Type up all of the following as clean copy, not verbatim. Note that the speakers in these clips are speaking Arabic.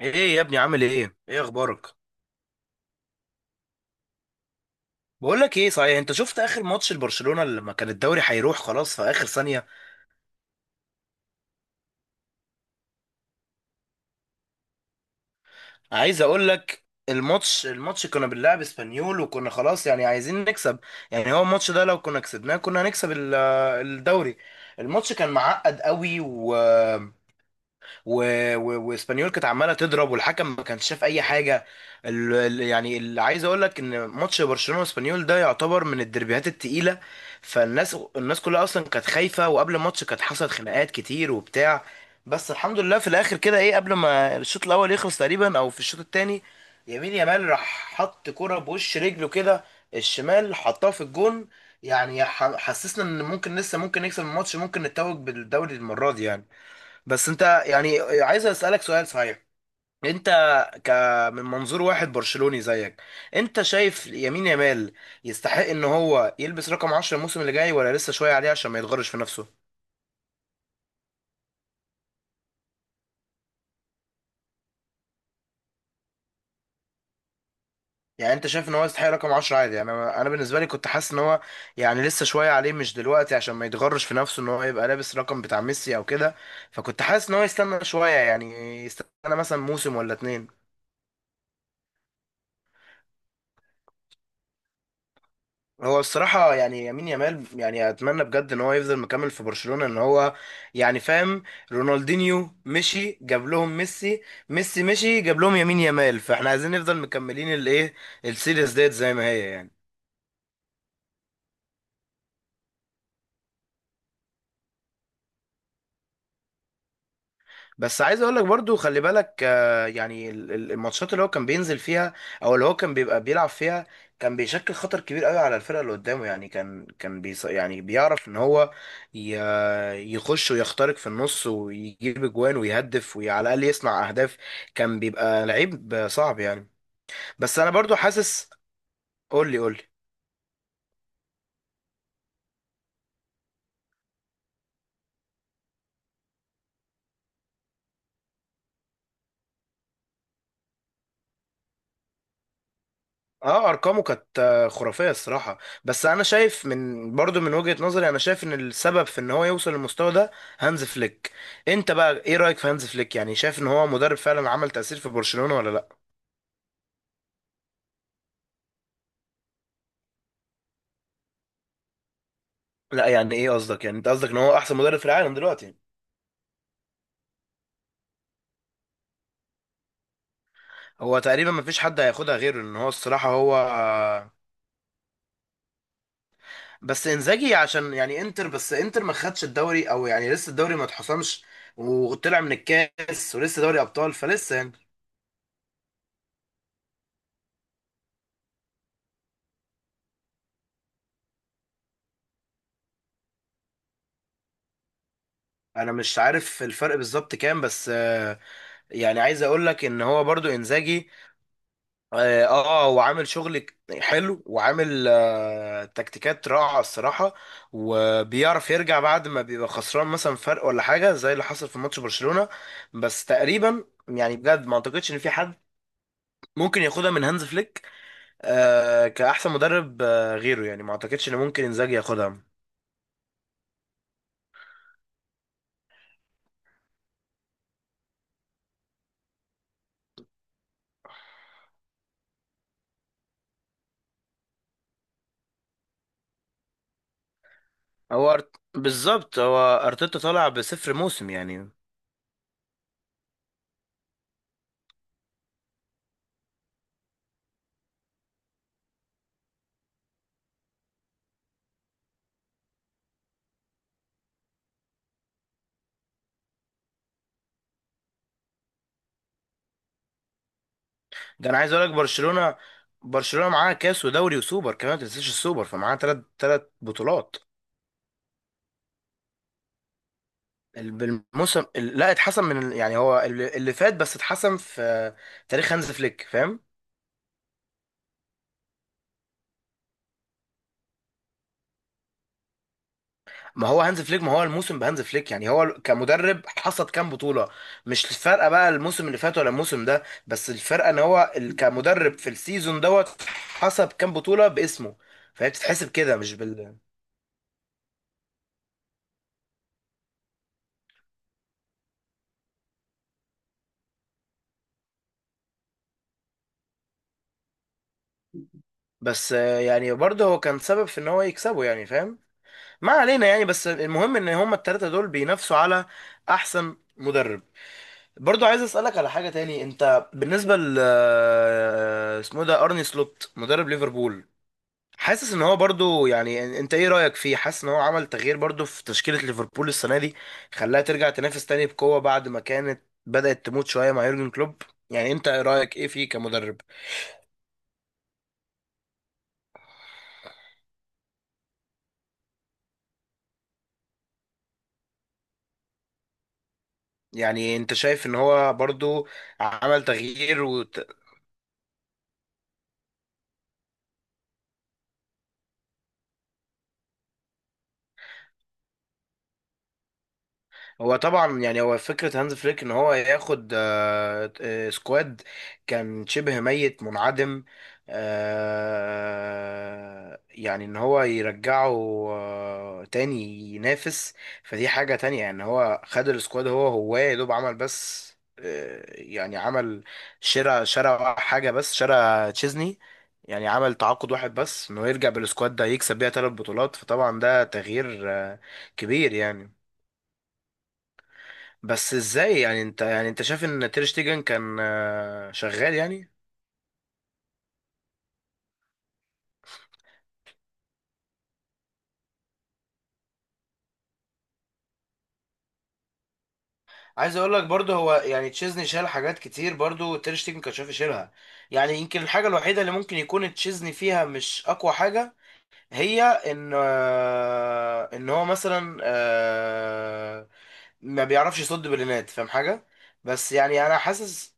ايه يا ابني، عامل ايه؟ اخبارك؟ بقول لك ايه، صحيح انت شفت اخر ماتش لبرشلونة لما كان الدوري هيروح خلاص في اخر ثانية؟ عايز اقول لك، الماتش كنا بنلعب اسبانيول وكنا خلاص يعني عايزين نكسب. يعني هو الماتش ده لو كنا كسبناه كنا هنكسب الدوري. الماتش كان معقد قوي و... واسبانيول كانت عماله تضرب والحكم ما كانش شاف اي حاجه. يعني اللي عايز اقول لك ان ماتش برشلونه واسبانيول ده يعتبر من الدربيهات التقيله. الناس كلها اصلا كانت خايفه، وقبل الماتش كانت حصلت خناقات كتير وبتاع. بس الحمد لله في الاخر كده، ايه، قبل ما الشوط الاول يخلص تقريبا او في الشوط الثاني، يمين يامال راح حط كرة بوش رجله كده، الشمال حطها في الجون. يعني حسسنا ان ممكن لسه ممكن نكسب الماتش، ممكن نتوج بالدوري المرة دي يعني. بس انت يعني عايز اسالك سؤال صحيح، انت ك من منظور واحد برشلوني زيك، انت شايف يمين يامال يستحق ان هو يلبس رقم 10 الموسم اللي جاي ولا لسه شويه عليه عشان ما يتغرش في نفسه؟ يعني انت شايف ان هو يستحق رقم 10 عادي؟ يعني انا بالنسبه لي كنت حاسس ان هو يعني لسه شويه عليه، مش دلوقتي، عشان ما يتغرش في نفسه ان هو يبقى لابس رقم بتاع ميسي او كده. فكنت حاسس ان هو يستنى شويه يعني، يستنى مثلا موسم ولا اتنين. هو الصراحة يعني يمين يامال يعني أتمنى بجد إن هو يفضل مكمل في برشلونة، إن هو يعني فاهم، رونالدينيو مشي جاب لهم ميسي، ميسي مشي جاب لهم يمين يامال، فإحنا عايزين نفضل مكملين الإيه، السيريز ديت زي ما هي يعني. بس عايز اقول لك برضو، خلي بالك آه، يعني الماتشات اللي هو كان بينزل فيها او اللي هو كان بيبقى بيلعب فيها، كان بيشكل خطر كبير قوي على الفرقه اللي قدامه. يعني كان يعني بيعرف ان هو ي- يخش ويخترق في النص ويجيب اجوان ويهدف وعلى الاقل يصنع اهداف. كان بيبقى لعيب صعب يعني. بس انا برضو حاسس، قول لي قول لي. اه، ارقامه كانت آه، خرافيه الصراحه. بس انا شايف، من برضو من وجهه نظري، انا شايف ان السبب في ان هو يوصل للمستوى ده هانز فليك. انت بقى ايه رايك في هانز فليك؟ يعني شايف ان هو مدرب فعلا عمل تاثير في برشلونه ولا لا؟ لا يعني ايه قصدك؟ يعني انت قصدك ان هو احسن مدرب في العالم دلوقتي؟ هو تقريبا ما فيش حد هياخدها غيره، ان هو الصراحه هو آه،. بس انزاجي عشان يعني انتر، بس انتر ما خدش الدوري او يعني لسه الدوري ما اتحسمش، وطلع من الكاس، ولسه دوري ابطال فلسه يعني. انا مش عارف الفرق بالظبط كام، بس آه، يعني عايز اقول لك ان هو برضو انزاجي. اه آه، هو عامل شغل حلو، وعامل آه تكتيكات رائعه الصراحه، وبيعرف يرجع بعد ما بيبقى خسران مثلا فرق ولا حاجه، زي اللي حصل في ماتش برشلونه. بس تقريبا يعني بجد ما اعتقدش ان في حد ممكن ياخدها من هانز فليك آه، كاحسن مدرب آه غيره. يعني ما اعتقدش ان ممكن انزاجي ياخدها. هو بالظبط هو ارتيتا طالع بصفر موسم يعني. ده انا عايز اقول لك، برشلونة، برشلونة معاها كاس ودوري وسوبر كمان، ما تنساش السوبر، فمعاها ثلاث بطولات. بالموسم لا، اتحسم من يعني هو اللي فات، بس اتحسم في تاريخ هانز فليك، فاهم؟ ما هو هانز فليك، ما هو الموسم بهانز فليك. يعني هو كمدرب حصد كام بطولة؟ مش الفرقة بقى الموسم اللي فات ولا الموسم ده، بس الفرقة ان هو كمدرب في السيزون دوت حسب كام بطولة باسمه. فهي بتتحسب كده مش بال. بس آه، يعني برضه هو كان سبب في ان هو يكسبه يعني فاهم. ما علينا يعني، بس المهم ان هما التلاتة دول بينافسوا على احسن مدرب. برضو عايز اسالك على حاجة تاني، انت بالنسبة ل آه، اسمه ده ارني سلوت مدرب ليفربول، حاسس ان هو برضو يعني، انت ايه رأيك فيه؟ حاسس ان هو عمل تغيير برضو في تشكيلة ليفربول السنة دي، خلاها ترجع تنافس تاني بقوة بعد ما كانت بدأت تموت شوية مع يورجن كلوب؟ يعني انت إيه رأيك ايه فيه كمدرب؟ يعني انت شايف ان هو برضو عمل تغيير؟ هو طبعا يعني هو فكرة هانز فليك ان هو ياخد آه، آه، سكواد كان شبه ميت منعدم، آه، يعني ان هو يرجعه آه، تاني، ينافس. فدي حاجة تانية. يعني هو خد السكواد، هو يا دوب عمل بس آه، يعني عمل شراء حاجة، بس شراء تشيزني. يعني عمل تعاقد واحد بس، انه يرجع بالسكواد ده يكسب بيها ثلاث بطولات. فطبعا ده تغيير آه، كبير يعني. بس ازاي؟ يعني انت، يعني انت شايف ان تير شتيجن كان آه، شغال يعني؟ عايز اقول لك برضه هو يعني تشيزني شال حاجات كتير، برضه تير شتيجن كان شايف يشيلها. يعني يمكن الحاجه الوحيده اللي ممكن يكون تشيزني فيها مش اقوى حاجه، هي ان آه، ان هو مثلا آه، ما بيعرفش يصد بلينات، فاهم حاجه؟ بس يعني انا حاسس،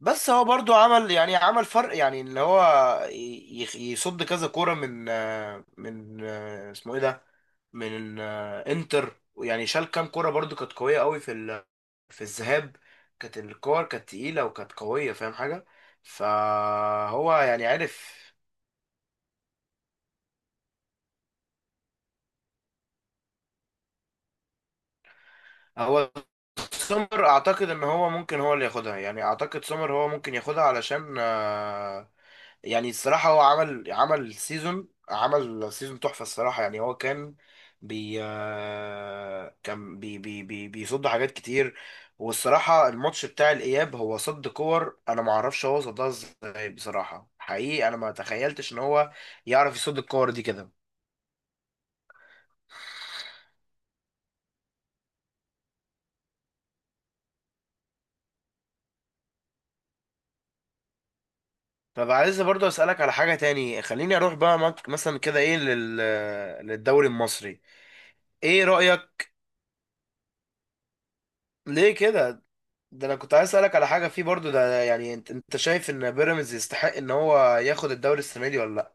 بس هو برضو عمل يعني عمل فرق يعني، اللي هو يصد كذا كورة من آه، من آه، اسمه ايه ده، من آه، انتر. يعني شال كام كورة برضو كانت قوية قوي في في الذهاب. كانت الكور كانت تقيلة وكانت قوية، فاهم حاجة؟ فهو يعني عارف هو. سومر اعتقد ان هو ممكن هو اللي ياخدها يعني، اعتقد سومر هو ممكن ياخدها علشان آه، يعني الصراحة هو عمل سيزون، عمل سيزون تحفة الصراحة. يعني هو كان بي آه، كان بي بي بي بيصد حاجات كتير. والصراحة الماتش بتاع الإياب هو صد كور أنا ما اعرفش هو صدها ازاي بصراحة، حقيقي أنا ما تخيلتش إن هو يعرف يصد الكور دي كده. طب عايز برضه أسألك على حاجة تاني، خليني أروح بقى مثلا كده إيه للدوري المصري، ايه رأيك؟ ليه كده؟ ده انا كنت عايز اسألك على حاجة فيه برضو، ده يعني انت، انت شايف ان بيراميدز يستحق ان هو ياخد الدوري السنة دي ولا لا؟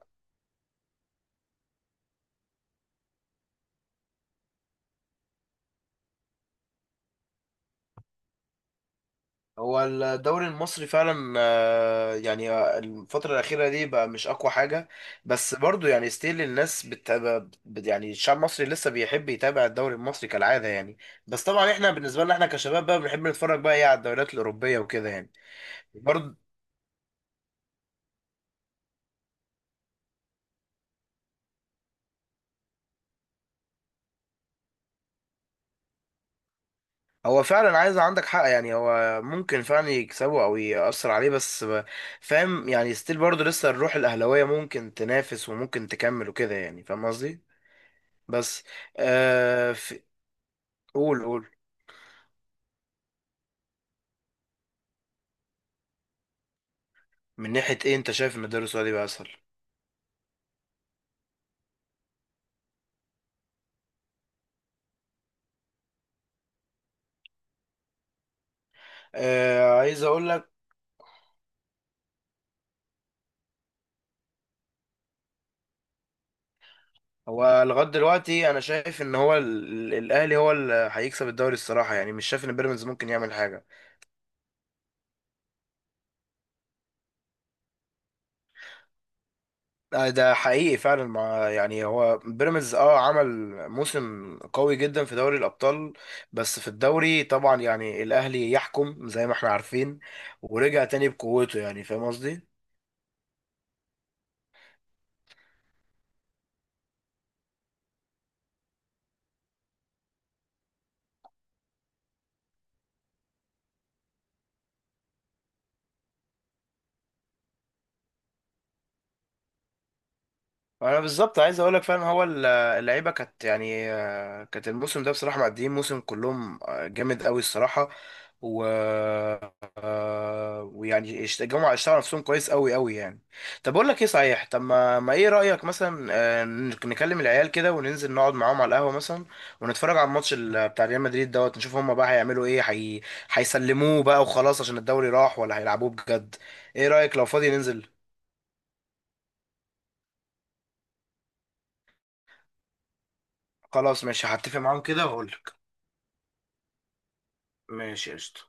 هو الدوري المصري فعلا آه، يعني آه، الفترة الأخيرة دي بقى مش أقوى حاجة. بس برضو يعني ستيل الناس بتتابع، يعني الشعب المصري لسه بيحب يتابع الدوري المصري كالعادة يعني. بس طبعا احنا بالنسبة لنا احنا كشباب بقى بنحب نتفرج بقى ايه على الدوريات الأوروبية وكده يعني. برضو هو فعلا، عايز، عندك حق يعني، هو ممكن فعلا يكسبه او يأثر عليه بس فاهم يعني؟ ستيل برضه لسه الروح الاهلاويه ممكن تنافس وممكن تكمل وكده يعني، فاهم قصدي؟ بس آه في، قول قول. من ناحيه ايه؟ انت شايف ان الدوري السعودي بقى اسهل؟ آه عايز اقول لك، هو لغايه دلوقتي انا شايف ان هو الاهلي هو اللي هيكسب الدوري الصراحه يعني، مش شايف ان بيراميدز ممكن يعمل حاجه. آه، ده حقيقي فعلا. مع يعني هو بيراميدز اه عمل موسم قوي جدا في دوري الابطال، بس في الدوري طبعا يعني الاهلي يحكم زي ما احنا عارفين، ورجع تاني بقوته، يعني فاهم قصدي. انا بالظبط عايز اقول لك فعلا هو اللعيبه كانت يعني آه، كانت الموسم ده بصراحه معديين موسم كلهم آه، جامد قوي الصراحه. و آه، ويعني الجماعه اشتغلوا نفسهم كويس قوي يعني. طب اقول لك ايه صحيح، طب ما, ما ايه رايك مثلا آه، نكلم العيال كده وننزل نقعد معاهم على القهوه مثلا ونتفرج على الماتش بتاع ريال مدريد دوت نشوف هم بقى هيعملوا ايه، هيسلموه بقى وخلاص عشان الدوري راح، ولا هيلعبوه بجد؟ ايه رايك لو فاضي ننزل؟ خلاص ماشي، هتفق معاهم كده واقول لك. ماشي قشطة.